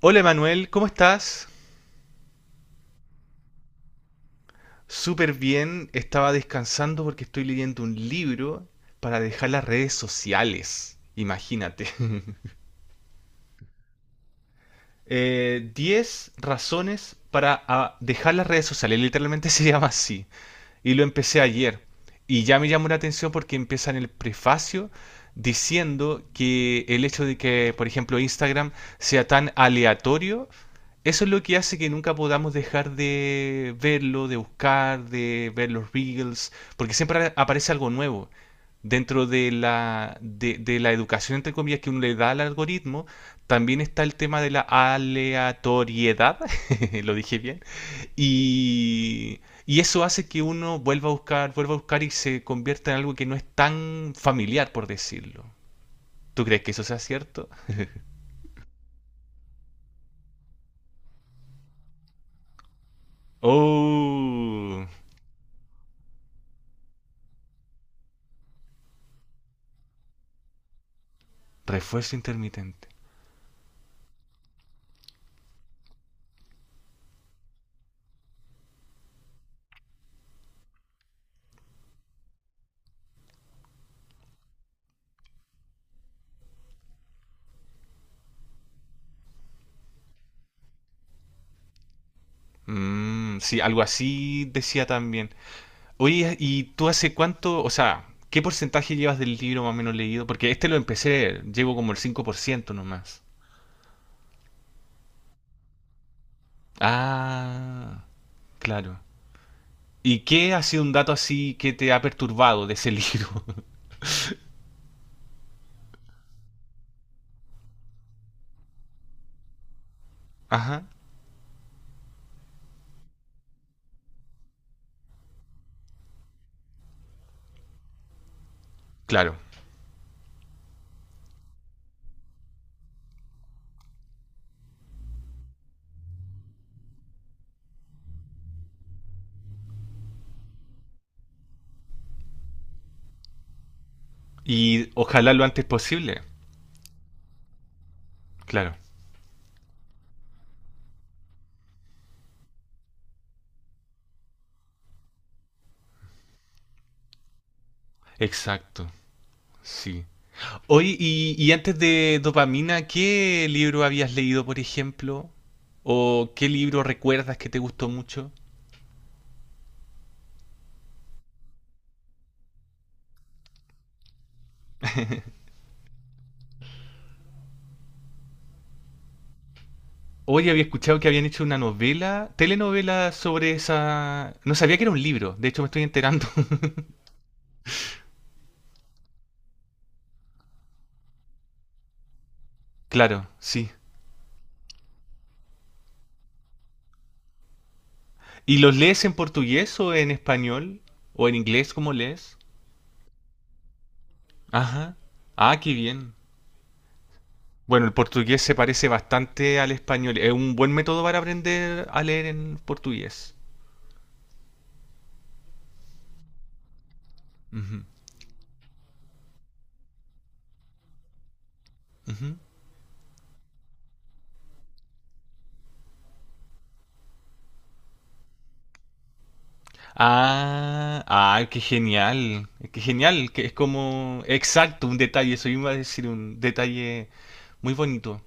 Hola Manuel, ¿cómo estás? Súper bien, estaba descansando porque estoy leyendo un libro para dejar las redes sociales. Imagínate. 10 razones para dejar las redes sociales, literalmente se llama así. Y lo empecé ayer. Y ya me llamó la atención porque empieza en el prefacio diciendo que el hecho de que, por ejemplo, Instagram sea tan aleatorio, eso es lo que hace que nunca podamos dejar de verlo, de buscar, de ver los reels, porque siempre aparece algo nuevo. Dentro de la educación, entre comillas, que uno le da al algoritmo, también está el tema de la aleatoriedad, lo dije bien, y, y eso hace que uno vuelva a buscar y se convierta en algo que no es tan familiar, por decirlo. ¿Tú crees que eso sea cierto? Oh, refuerzo intermitente. Mm, sí, algo así decía también. Oye, ¿y tú hace cuánto, o sea, qué porcentaje llevas del libro más o menos leído? Porque este lo empecé, llevo como el 5% nomás. Ah, claro. ¿Y qué ha sido un dato así que te ha perturbado de ese libro? Ajá, claro. Y ojalá lo antes posible. Claro, exacto. Sí. Hoy, y antes de dopamina, ¿qué libro habías leído, por ejemplo? ¿O qué libro recuerdas que te gustó mucho? Hoy había escuchado que habían hecho una novela, telenovela sobre esa... No sabía que era un libro, de hecho me estoy enterando. Claro, sí. ¿Y los lees en portugués o en español? ¿O en inglés como lees? Ajá. Ah, qué bien. Bueno, el portugués se parece bastante al español. Es un buen método para aprender a leer en portugués. Ujú, ujú. Ah, ah, qué genial. Qué genial, que es como... Exacto, un detalle. Eso iba a decir, un detalle muy bonito.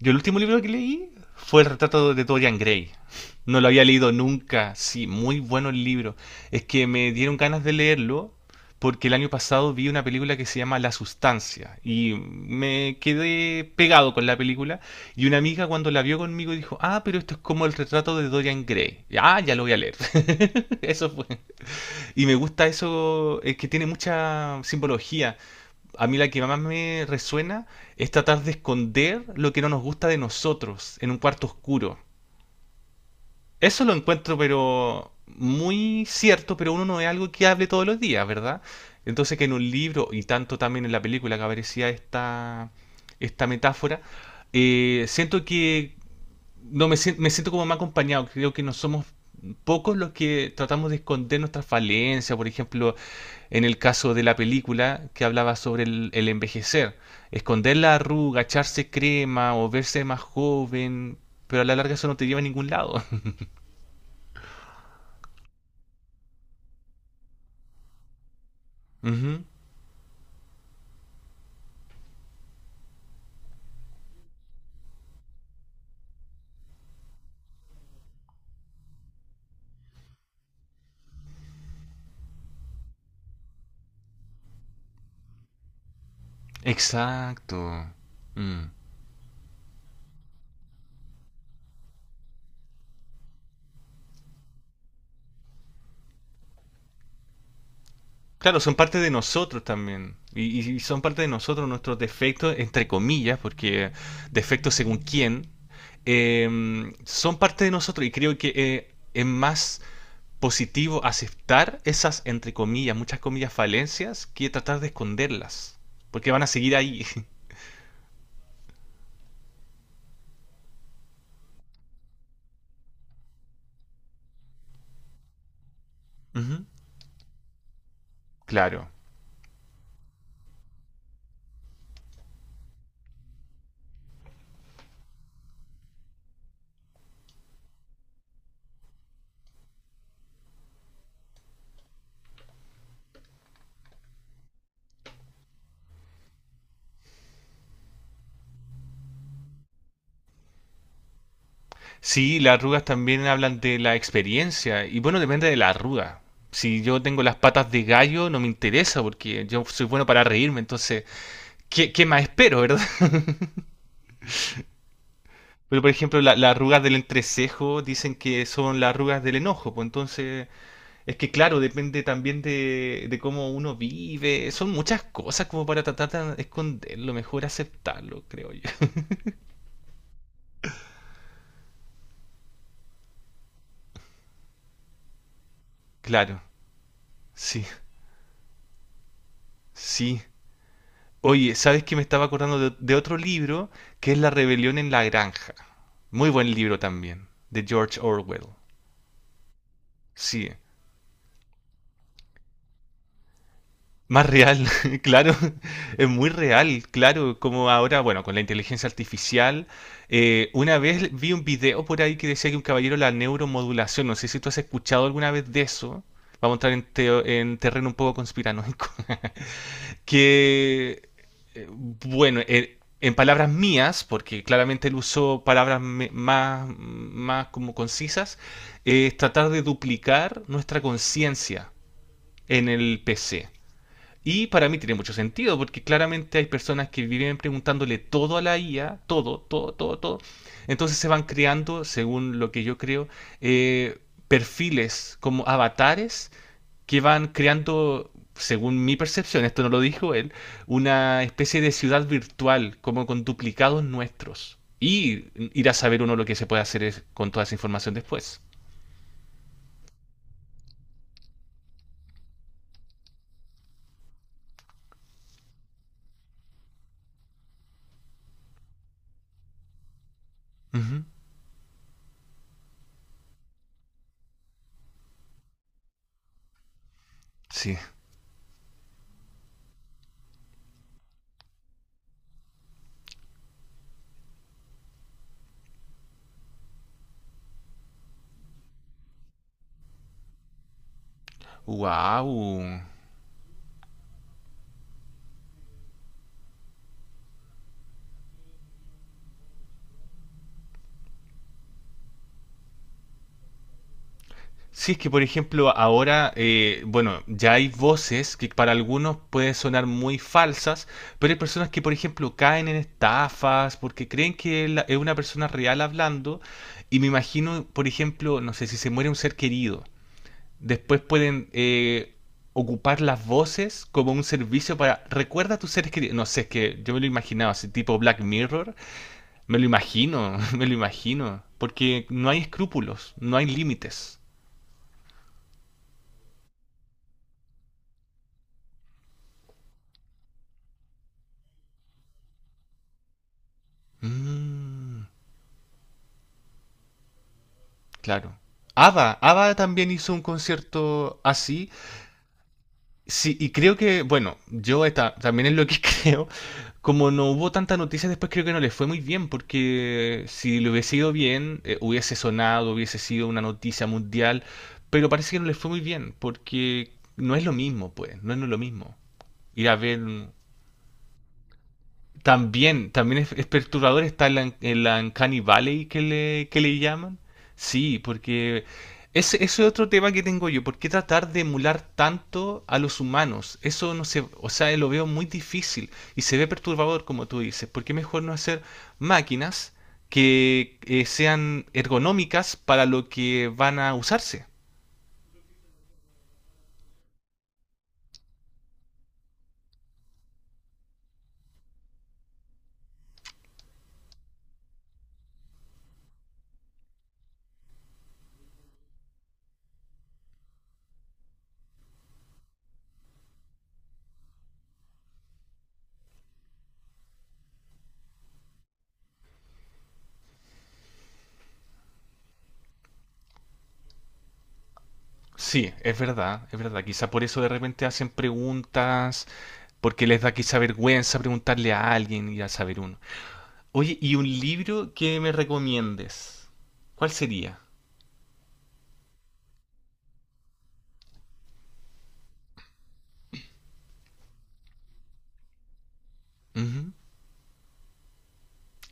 Yo el último libro que leí fue el retrato de Dorian Gray. No lo había leído nunca. Sí, muy bueno el libro. Es que me dieron ganas de leerlo porque el año pasado vi una película que se llama La Sustancia y me quedé pegado con la película y una amiga cuando la vio conmigo dijo, ah, pero esto es como el retrato de Dorian Gray. Ya lo voy a leer. Eso fue. Y me gusta eso, es que tiene mucha simbología. A mí la que más me resuena es tratar de esconder lo que no nos gusta de nosotros en un cuarto oscuro. Eso lo encuentro, pero muy cierto, pero uno no es algo que hable todos los días, ¿verdad? Entonces que en un libro y tanto también en la película que aparecía esta metáfora, siento que no, me siento como más acompañado. Creo que no somos pocos los que tratamos de esconder nuestras falencias. Por ejemplo, en el caso de la película que hablaba sobre el envejecer. Esconder la arruga, echarse crema o verse más joven. Pero a la larga eso no te lleva a ningún lado. Ujú. Exacto. Mm. Claro, son parte de nosotros también. Y son parte de nosotros nuestros defectos, entre comillas, porque defectos según quién, son parte de nosotros. Y creo que es más positivo aceptar esas, entre comillas, muchas comillas, falencias, que tratar de esconderlas. Porque van a seguir ahí. Ujú, claro. Sí, las arrugas también hablan de la experiencia. Y bueno, depende de la arruga. Si yo tengo las patas de gallo, no me interesa porque yo soy bueno para reírme. Entonces, ¿Qué más espero, verdad? Pero, por ejemplo, las arrugas del entrecejo dicen que son las arrugas del enojo. Pues entonces, es que claro, depende también de cómo uno vive. Son muchas cosas como para tratar de esconderlo, mejor aceptarlo, creo yo. Claro, sí, sí. Oye, ¿sabes que me estaba acordando de otro libro que es La rebelión en la granja? Muy buen libro también, de George Orwell. Sí. Más real, claro, es muy real, claro, como ahora, bueno, con la inteligencia artificial. Una vez vi un video por ahí que decía que un caballero la neuromodulación, no sé si tú has escuchado alguna vez de eso, vamos a entrar en terreno un poco conspiranoico. que, bueno, en palabras mías, porque claramente él usó palabras más como concisas. Es tratar de duplicar nuestra conciencia en el PC. Y para mí tiene mucho sentido, porque claramente hay personas que viven preguntándole todo a la IA, todo, todo, todo, todo. Entonces se van creando, según lo que yo creo, eh, perfiles como avatares que van creando, según mi percepción, esto no lo dijo él, una especie de ciudad virtual, como con duplicados nuestros. Y ir a saber uno lo que se puede hacer con toda esa información después. Ujú, sí. ¡Wow! Sí, es que por ejemplo ahora, bueno, ya hay voces que para algunos pueden sonar muy falsas, pero hay personas que por ejemplo caen en estafas porque creen que es una persona real hablando y me imagino, por ejemplo, no sé, si se muere un ser querido, después pueden ocupar las voces como un servicio para, recuerda a tus seres queridos, no sé, es que yo me lo imaginaba, así tipo Black Mirror, me lo imagino, me lo imagino, porque no hay escrúpulos, no hay límites. Mm, claro. ABBA, ABBA también hizo un concierto así. Sí, y creo que, bueno, yo esta, también es lo que creo. Como no hubo tanta noticia después, creo que no le fue muy bien, porque si le hubiese ido bien, hubiese sonado, hubiese sido una noticia mundial, pero parece que no le fue muy bien, porque no es lo mismo, pues, no no es lo mismo. Ir a ver También, también es perturbador, está en la Uncanny Valley que le llaman. Sí, porque ese es otro tema que tengo yo. ¿Por qué tratar de emular tanto a los humanos? Eso no sé, o sea, lo veo muy difícil y se ve perturbador, como tú dices. ¿Por qué mejor no hacer máquinas que sean ergonómicas para lo que van a usarse? Sí, es verdad, es verdad. Quizá por eso de repente hacen preguntas, porque les da quizá vergüenza preguntarle a alguien y a saber uno. Oye, ¿y un libro que me recomiendes? ¿Cuál sería? Ujú.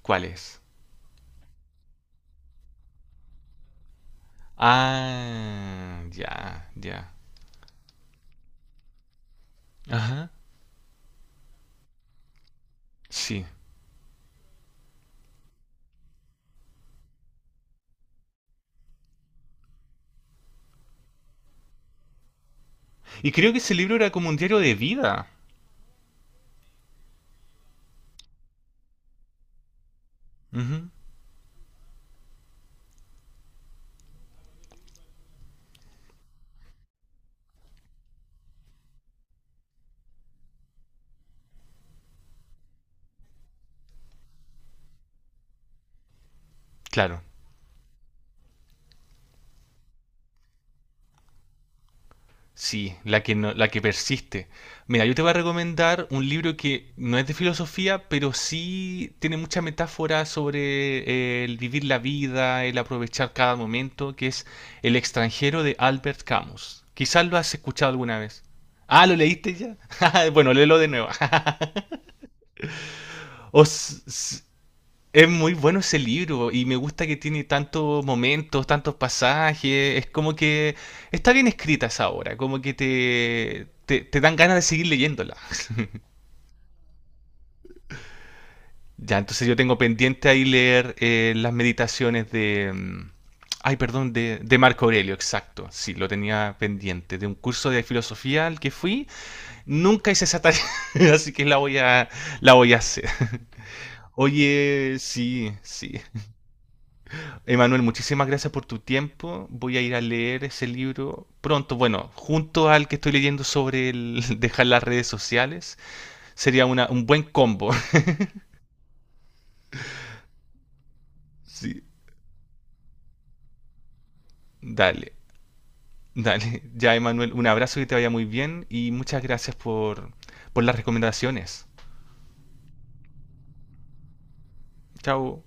¿Cuál es? Ah, ya, ya. Ajá, sí. Y creo que ese libro era como un diario de vida. Ujú, claro. Sí, la que no, la que persiste. Mira, yo te voy a recomendar un libro que no es de filosofía, pero sí tiene mucha metáfora sobre el vivir la vida, el aprovechar cada momento, que es El extranjero de Albert Camus. Quizás lo has escuchado alguna vez. Ah, ¿lo leíste ya? Bueno, léelo de nuevo. O s- es muy bueno ese libro y me gusta que tiene tantos momentos, tantos pasajes. Es como que está bien escrita esa obra, como que te dan ganas de seguir leyéndola. Ya, entonces yo tengo pendiente ahí leer las meditaciones de... Ay, perdón, de Marco Aurelio, exacto. Sí, lo tenía pendiente. De un curso de filosofía al que fui. Nunca hice esa tarea, así que la voy a hacer. Oye, sí, sí. Emanuel, muchísimas gracias por tu tiempo. Voy a ir a leer ese libro pronto. Bueno, junto al que estoy leyendo sobre el dejar las redes sociales, sería un buen combo. Sí, dale, dale. Ya, Emanuel, un abrazo que te vaya muy bien y muchas gracias por las recomendaciones. Chao.